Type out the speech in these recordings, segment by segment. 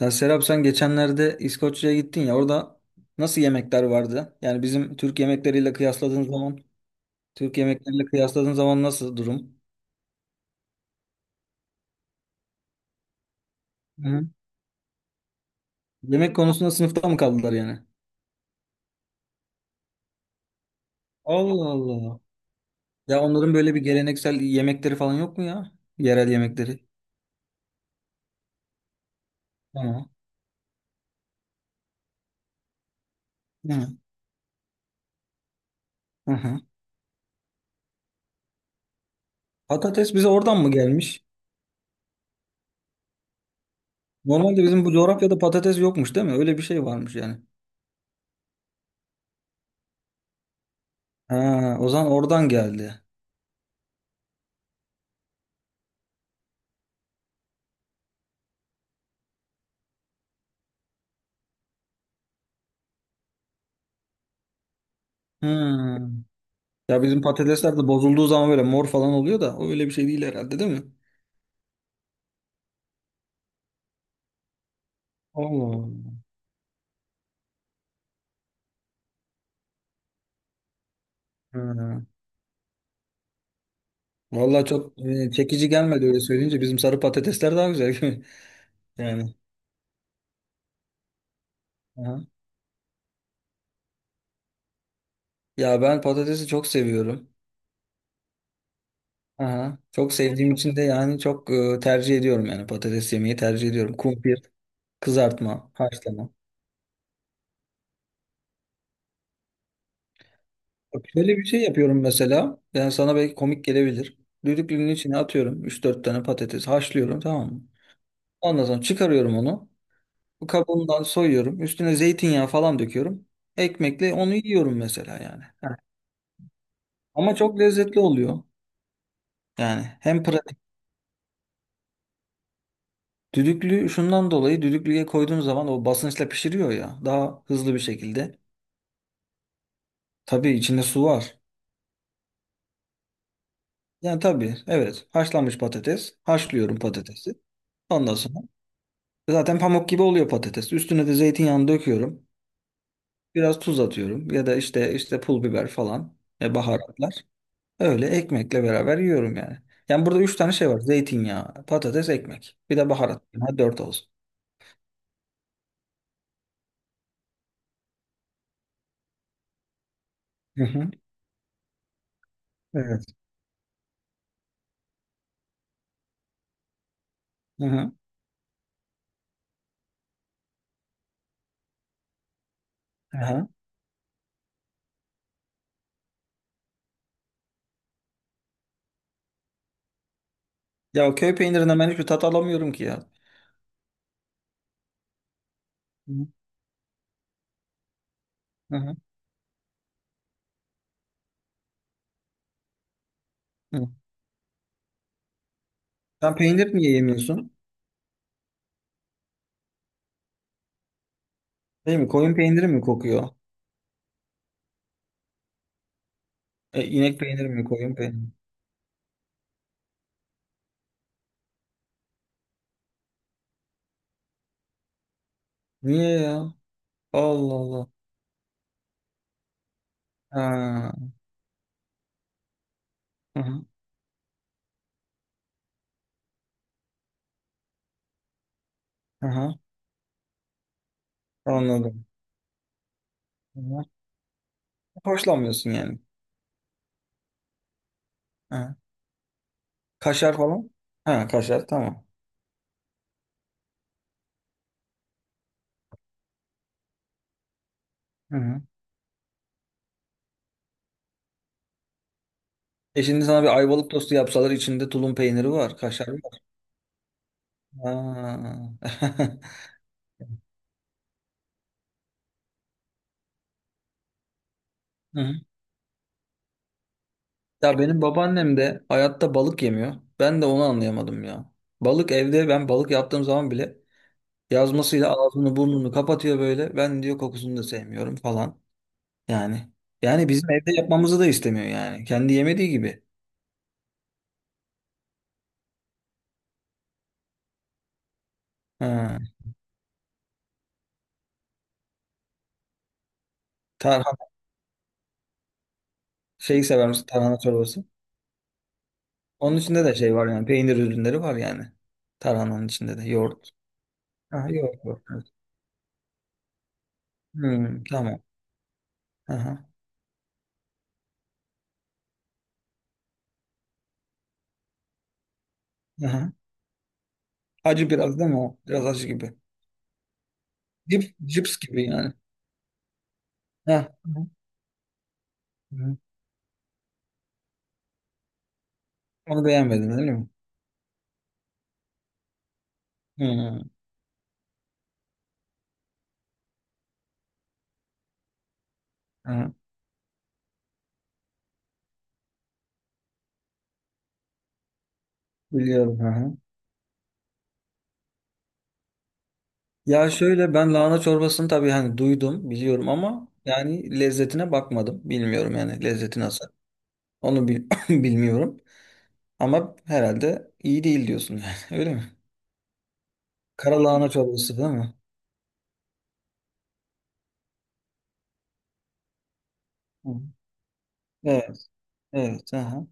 Ya Serap sen geçenlerde İskoçya'ya gittin ya orada nasıl yemekler vardı? Yani bizim Türk yemekleriyle kıyasladığın zaman nasıl durum? Hı. Yemek konusunda sınıfta mı kaldılar yani? Allah Allah. Ya onların böyle bir geleneksel yemekleri falan yok mu ya? Yerel yemekleri. Tamam. Hı. Hı hı. Patates bize oradan mı gelmiş? Normalde bizim bu coğrafyada patates yokmuş değil mi? Öyle bir şey varmış yani. Ha, o zaman oradan geldi. Hı. Ya bizim patatesler de bozulduğu zaman böyle mor falan oluyor da o öyle bir şey değil herhalde değil mi? Allah Allah. Ha. Vallahi çok çekici gelmedi öyle söyleyince. Bizim sarı patatesler daha güzel. Yani. Aha. Ya ben patatesi çok seviyorum. Aha. Çok sevdiğim için de yani çok tercih ediyorum yani patates yemeyi tercih ediyorum. Kumpir, kızartma, haşlama. Bak şöyle bir şey yapıyorum mesela. Yani sana belki komik gelebilir. Düdüklünün içine atıyorum üç dört tane patates haşlıyorum, tamam mı? Ondan sonra çıkarıyorum onu. Bu kabuğundan soyuyorum. Üstüne zeytinyağı falan döküyorum. Ekmekle onu yiyorum mesela yani. Heh. Ama çok lezzetli oluyor. Yani hem pratik. Düdüklü şundan dolayı, düdüklüye koyduğun zaman o basınçla pişiriyor ya, daha hızlı bir şekilde. Tabii içinde su var. Yani tabii evet, haşlanmış patates. Haşlıyorum patatesi. Ondan sonra zaten pamuk gibi oluyor patates. Üstüne de zeytinyağını döküyorum. Biraz tuz atıyorum ya da işte pul biber falan, baharatlar. Öyle ekmekle beraber yiyorum yani. Yani burada üç tane şey var. Zeytinyağı, patates, ekmek. Bir de baharat. Ha, dört olsun. Hı hı. Evet. Hı hı. Aha. Ya köy peynirinden ben hiçbir tat alamıyorum ki ya. Hı hı. Hı hı. Sen peynir niye yemiyorsun? Değil mi? Koyun peyniri mi kokuyor? E, inek peyniri mi, koyun peyniri mi? Niye ya? Allah Allah. Ha. Hı hı. Hı. Anladım. Hı hı. Hoşlanmıyorsun yani. Ha. Kaşar falan? Ha, kaşar tamam. Hı hı. E şimdi sana bir ayvalık tostu yapsalar, içinde tulum peyniri var, kaşar var. Ha. Hı hı. Ya benim babaannem de hayatta balık yemiyor. Ben de onu anlayamadım ya. Balık evde, ben balık yaptığım zaman bile yazmasıyla ağzını burnunu kapatıyor böyle. Ben diyor kokusunu da sevmiyorum falan. Yani bizim evde yapmamızı da istemiyor yani. Kendi yemediği gibi. Ha. Tarhana şeyi sever misin, tarhana çorbası? Onun içinde de şey var yani, peynir ürünleri var yani. Tarhananın içinde de yoğurt. Ha, yoğurt var. Hmm, tamam. Aha, aha. Acı biraz değil mi o? Biraz acı gibi. Cips gibi yani. Heh, hı, hı. Onu beğenmedin değil mi? Hı, hı. Biliyorum. Hı. Ya şöyle, ben lahana çorbasını tabii hani duydum, biliyorum ama yani lezzetine bakmadım. Bilmiyorum yani lezzeti nasıl. Onu bilmiyorum. Ama herhalde iyi değil diyorsun yani. Öyle mi? Kara lahana çorbası değil mi? Hı. Evet. Evet. Aha.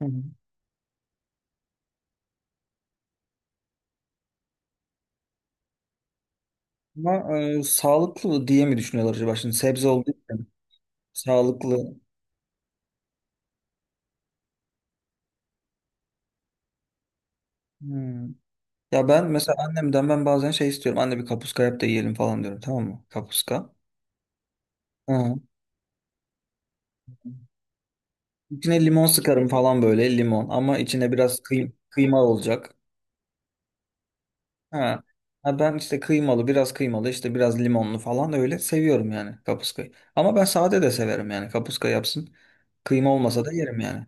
Hı hı. Ama sağlıklı diye mi düşünüyorlar acaba? Şimdi sebze olduğu için sağlıklı. Hmm. Ya ben mesela annemden, ben bazen şey istiyorum. Anne bir kapuska yap da yiyelim falan diyorum. Tamam mı? Kapuska. Hı. İçine limon sıkarım falan böyle, limon. Ama içine biraz kıyma olacak. Ha. Ha ben işte kıymalı, biraz kıymalı işte, biraz limonlu falan öyle seviyorum yani kapuskayı. Ama ben sade de severim yani, kapuska yapsın. Kıyma olmasa da yerim yani.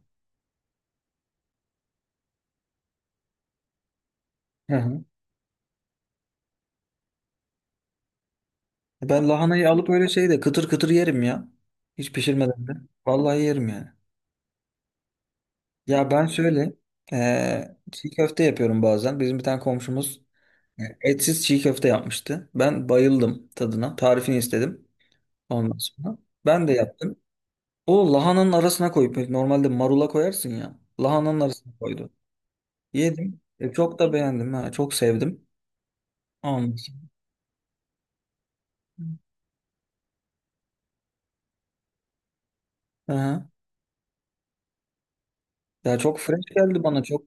Hı hı. Ben lahanayı alıp öyle şeyde kıtır kıtır yerim ya. Hiç pişirmeden de. Vallahi yerim yani. Ya ben şöyle çiğ köfte yapıyorum bazen. Bizim bir tane komşumuz etsiz çiğ köfte yapmıştı. Ben bayıldım tadına. Tarifini istedim ondan sonra. Ben de yaptım. O lahananın arasına koyup, normalde marula koyarsın ya. Lahananın arasına koydu. Yedim. E, çok da beğendim ha. Çok sevdim. Ondan sonra- hı. Hı. Ya çok fresh geldi bana, çok.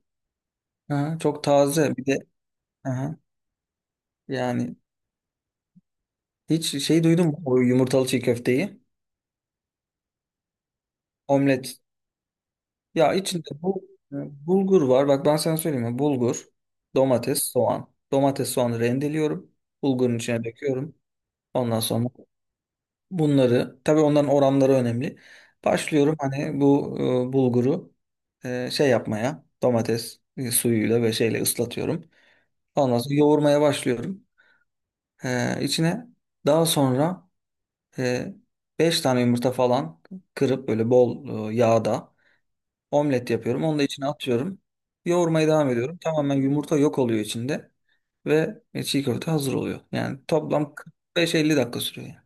Hı hı. Çok taze. Bir de hı hı, yani. Hiç şey duydun mu, bu yumurtalı çiğ köfteyi? Omlet. Ya içinde bu e, bulgur var. Bak ben sana söyleyeyim mi? Bulgur, domates, soğan. Domates, soğanı rendeliyorum. Bulgurun içine döküyorum. Ondan sonra bunları, tabii onların oranları önemli. Başlıyorum hani bu bulguru şey yapmaya, domates suyuyla ve şeyle ıslatıyorum. Ondan sonra yoğurmaya başlıyorum. E, içine daha sonra E, 5 tane yumurta falan kırıp böyle bol yağda omlet yapıyorum. Onu da içine atıyorum. Yoğurmaya devam ediyorum. Tamamen yumurta yok oluyor içinde ve çiğ köfte hazır oluyor. Yani toplam 45-50 dakika sürüyor yani.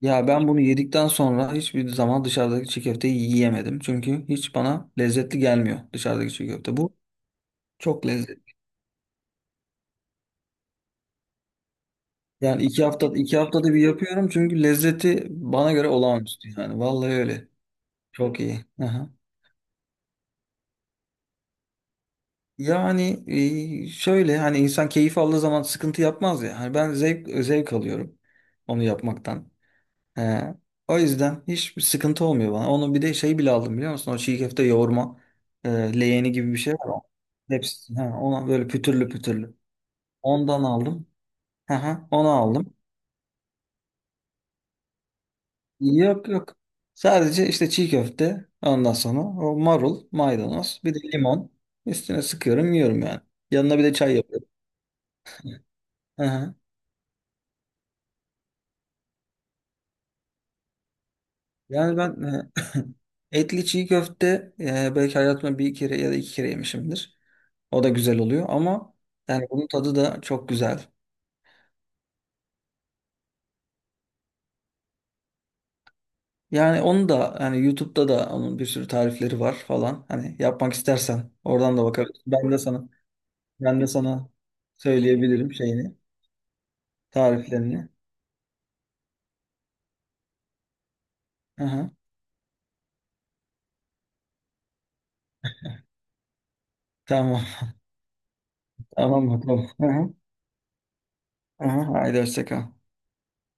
Ya ben bunu yedikten sonra hiçbir zaman dışarıdaki çiğ köfteyi yiyemedim. Çünkü hiç bana lezzetli gelmiyor dışarıdaki çiğ köfte. Bu çok lezzetli. Yani iki haftada bir yapıyorum çünkü lezzeti bana göre olağanüstü yani. Vallahi öyle. Çok iyi. Yani şöyle, hani insan keyif aldığı zaman sıkıntı yapmaz ya. Hani ben zevk alıyorum onu yapmaktan. He. O yüzden hiçbir sıkıntı olmuyor bana. Onu bir de şey bile aldım, biliyor musun? O çiğ köfte yoğurma leğeni gibi bir şey var, o. Hepsi. Ha, ona böyle pütürlü pütürlü. Ondan aldım. Aha, onu aldım. Yok yok. Sadece işte çiğ köfte, ondan sonra o marul, maydanoz, bir de limon. Üstüne sıkıyorum yiyorum yani. Yanına bir de çay yapıyorum. Aha. Yani ben etli çiğ köfte belki hayatımda bir kere ya da iki kere yemişimdir. O da güzel oluyor ama yani bunun tadı da çok güzel. Yani onu da, yani YouTube'da da onun bir sürü tarifleri var falan. Hani yapmak istersen oradan da bakabilirsin. Ben de sana söyleyebilirim şeyini, tariflerini. Aha, tamam. Tamam bakalım. Aha, aha, haydi hoşça kal.